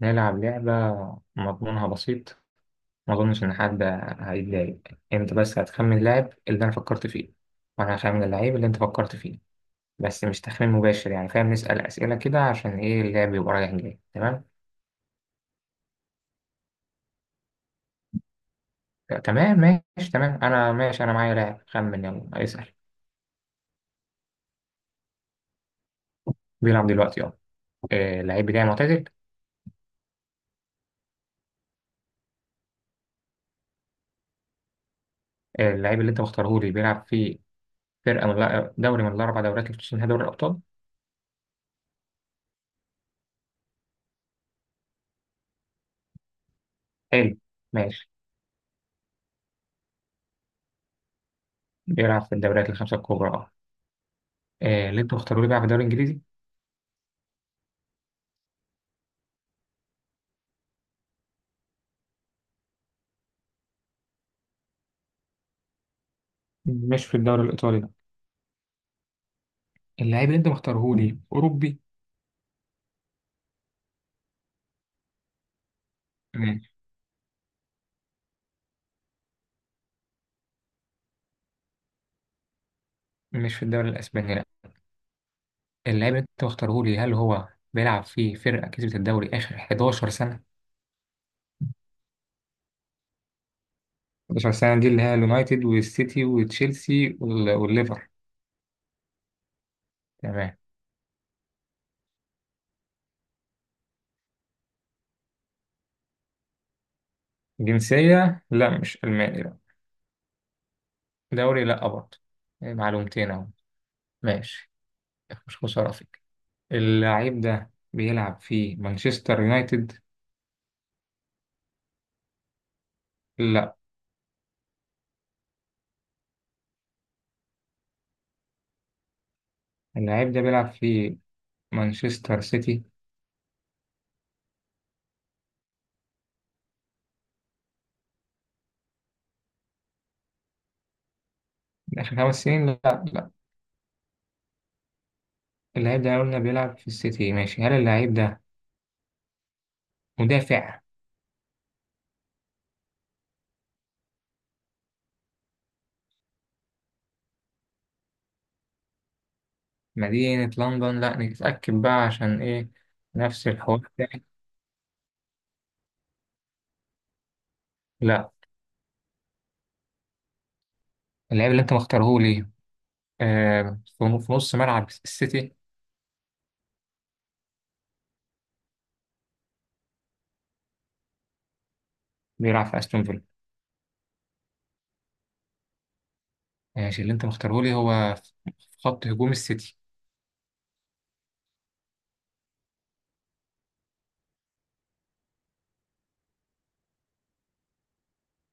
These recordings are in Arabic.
نلعب لعبة مضمونها بسيط. ما أظنش إن حد هيتضايق. أنت بس هتخمن اللاعب اللي أنا فكرت فيه وأنا هخمن اللعيب اللي أنت فكرت فيه، بس مش تخمين مباشر يعني فاهم، نسأل أسئلة كده عشان إيه اللعب يبقى رايح جاي تمام. آه، تمام ماشي تمام، أنا ماشي، أنا معايا لاعب، خمن يلا اسأل. بيلعب دلوقتي أه. آه، اللعيب بتاعي معتزل؟ آه، اللعيب اللي أنت مختاره لي بيلعب في فرقة دوري من الأربع دوريات اللي بتشتهر دوري الأبطال؟ حلو ماشي. بيلعب في الدوريات الخمسة الكبرى أه. آه، اللي أنت مختاره لي بيلعب في الدوري الإنجليزي؟ مش في الدوري الإيطالي. اللاعب اللي أنت مختارهولي أوروبي؟ تمام. مش في الدوري الأسباني لا. اللاعب اللي أنت مختارهولي هل هو بيلعب في فرقة كسبت الدوري آخر 11 سنة؟ 11 سنة دي اللي هي اليونايتد والسيتي وتشيلسي والليفر. تمام. جنسية لا، مش ألماني لا. دوري لا برضه. إيه، معلومتين أهو. ماشي. مش مشرفك. اللاعب ده بيلعب في مانشستر يونايتد؟ لا. اللاعب ده بيلعب في مانشستر سيتي؟ آخر خمس سنين؟ لا. اللعيب ده قلنا بيلعب في السيتي ماشي، هل اللعيب ده مدافع؟ مدينة لندن لا، نتأكد بقى عشان ايه. نفس الحوار ده، لا. اللعيب اللي انت مختارهولي في نص ملعب السيتي؟ بيلعب في استون فيلا؟ ماشي، اللي انت مختارهولي هو في خط هجوم السيتي؟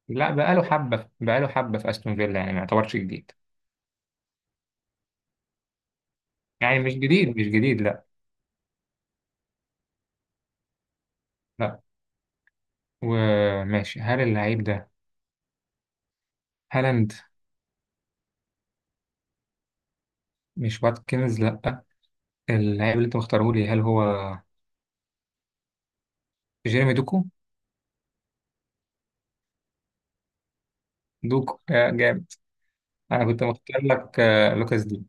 لا، بقاله حبة بقاله حبة في استون فيلا يعني ما يعتبرش جديد. يعني مش جديد مش جديد لا. لا وماشي، هل اللعيب ده هالاند؟ مش واتكنز لا. اللعيب اللي انت مختارهولي هل هو جيرمي دوكو؟ جامد. انا كنت مختار لك لوكاس دي.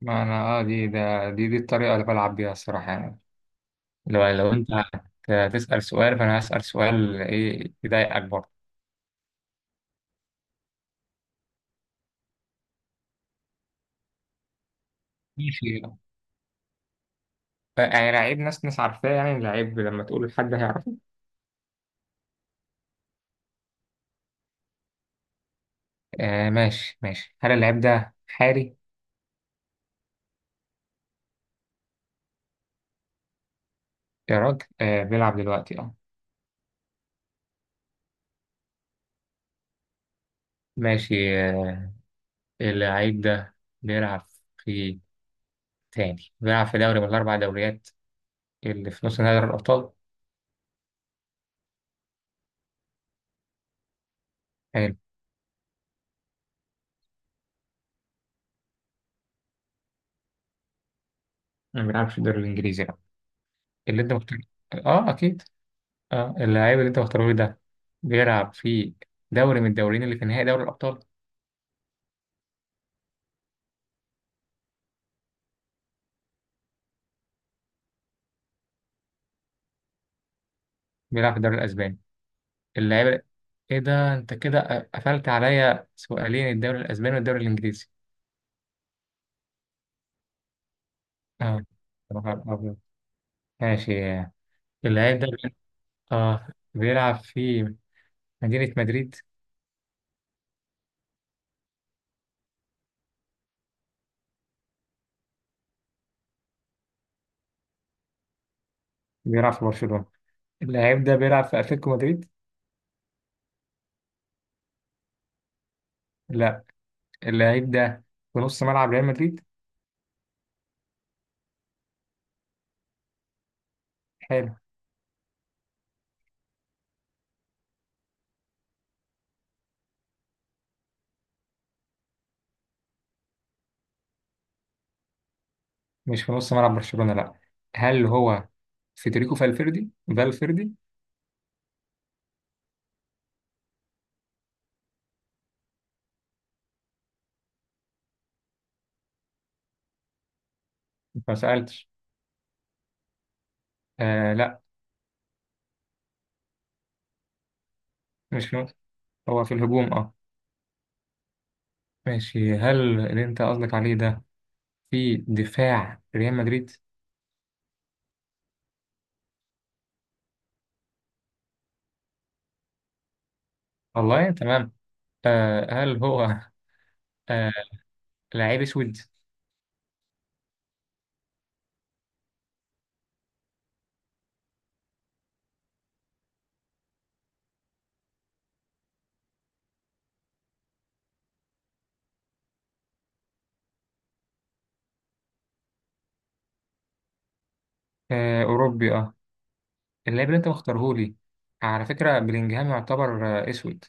ما انا اه دي ده دي دي الطريقه اللي بلعب بيها الصراحه يعني. لو انت هتسال سؤال، فانا هسال سؤال ايه يضايقك برضه. ماشي. يعني لعيب ناس ناس عارفاه، يعني لعيب لما تقول لحد هيعرفه. آه ماشي ماشي، هل اللعيب ده حالي؟ يا راجل بيلعب دلوقتي اه. ماشي اللعيب ده بيلعب في تاني بيلعب في دوري من الاربع دوريات اللي في نص نهائي دوري الابطال؟ حلو. ما بيلعبش في الدوري الانجليزي. اللي انت مختار اه اكيد. اه اللعيب اللي انت مختاره إيه ده بيلعب في دوري من الدوريين اللي في نهائي دوري الابطال؟ بيلعب في الدوري الاسباني؟ اللعيب ايه ده، انت كده قفلت عليا سؤالين الدوري الاسباني والدوري الانجليزي اه يا نهار أبيض. ماشي. اللعيب ده اه بيلعب في مدينة مدريد؟ بيلعب في برشلونة؟ اللعيب ده بيلعب في اتلتيكو مدريد؟ لا. اللعيب ده في نص ملعب ريال مدريد. حلو. مش في نص ملعب برشلونة لا. هل هو فيدريكو فالفيردي فالفيردي؟ ما سألتش. آه لا، مش في نص، هو في الهجوم اه. ماشي، هل اللي انت قصدك عليه ده في دفاع ريال مدريد؟ والله تمام. آه هل هو آه لعيب اسود؟ آه اوروبي اه. اللاعب اللي انت مختارهولي على فكرة بلينجهام يعتبر اسود.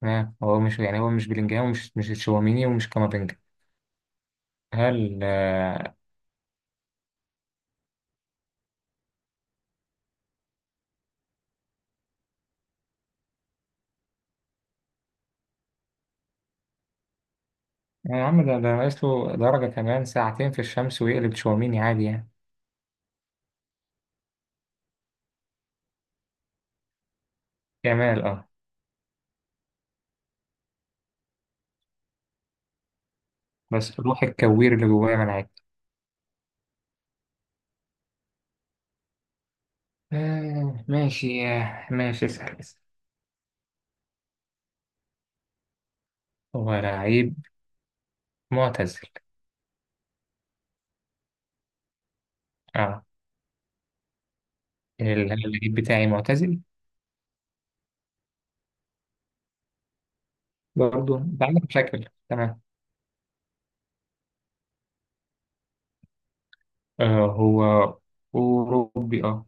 تمام. هو مش يعني هو مش بلينجهام ومش مش تشواميني ومش كامافينجا. هل. يا عم ده ناقص له درجة كمان ساعتين في الشمس ويقلب تشاوميني عادي يعني. جمال اه. بس روح الكوير اللي جوايا منعك. آه ماشي ماشي، اسأل اسأل. هو لعيب معتزل؟ اه. اللعيب بتاعي معتزل. برضه انت عندك مشاكل تمام. آه هو أوروبي اه.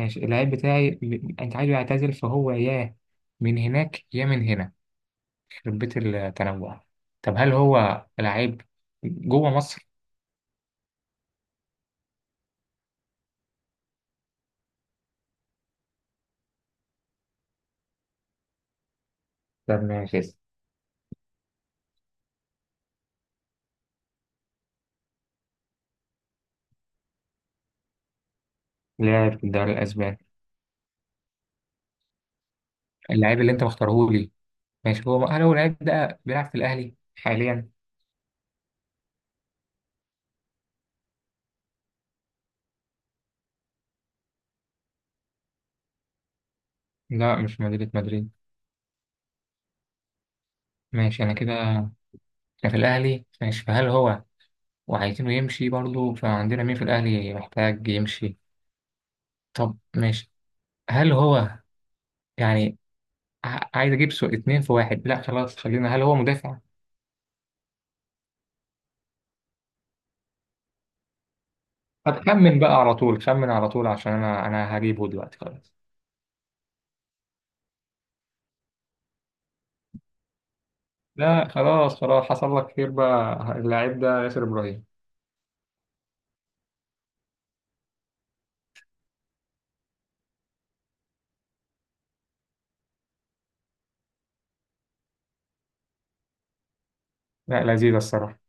ماشي. اللعيب بتاعي انت عايزه يعتزل فهو يا من هناك يا من هنا، يخرب بيت التنوع. طب هل هو لعيب جوه مصر؟ طب ماشي. لاعب في الدوري الأسباني. اللاعب اللي أنت مختارهولي ماشي، هل هو اللاعب ده بيلعب في الأهلي حاليا؟ لا، مش مدينة مدريد. ماشي، أنا كده، أنا في الأهلي ماشي. فهل هو وعايزينه يمشي برضه، فعندنا مين في الأهلي محتاج يمشي؟ طب ماشي. هل هو يعني عايز أجيب سو اتنين في واحد، لا خلاص خلينا، هل هو مدافع؟ طب خمن بقى على طول، خمن على طول عشان أنا هجيبه دلوقتي خلاص. لا خلاص خلاص، حصل لك خير بقى، اللاعب ده ياسر إبراهيم. لا لذيذة الصراحة.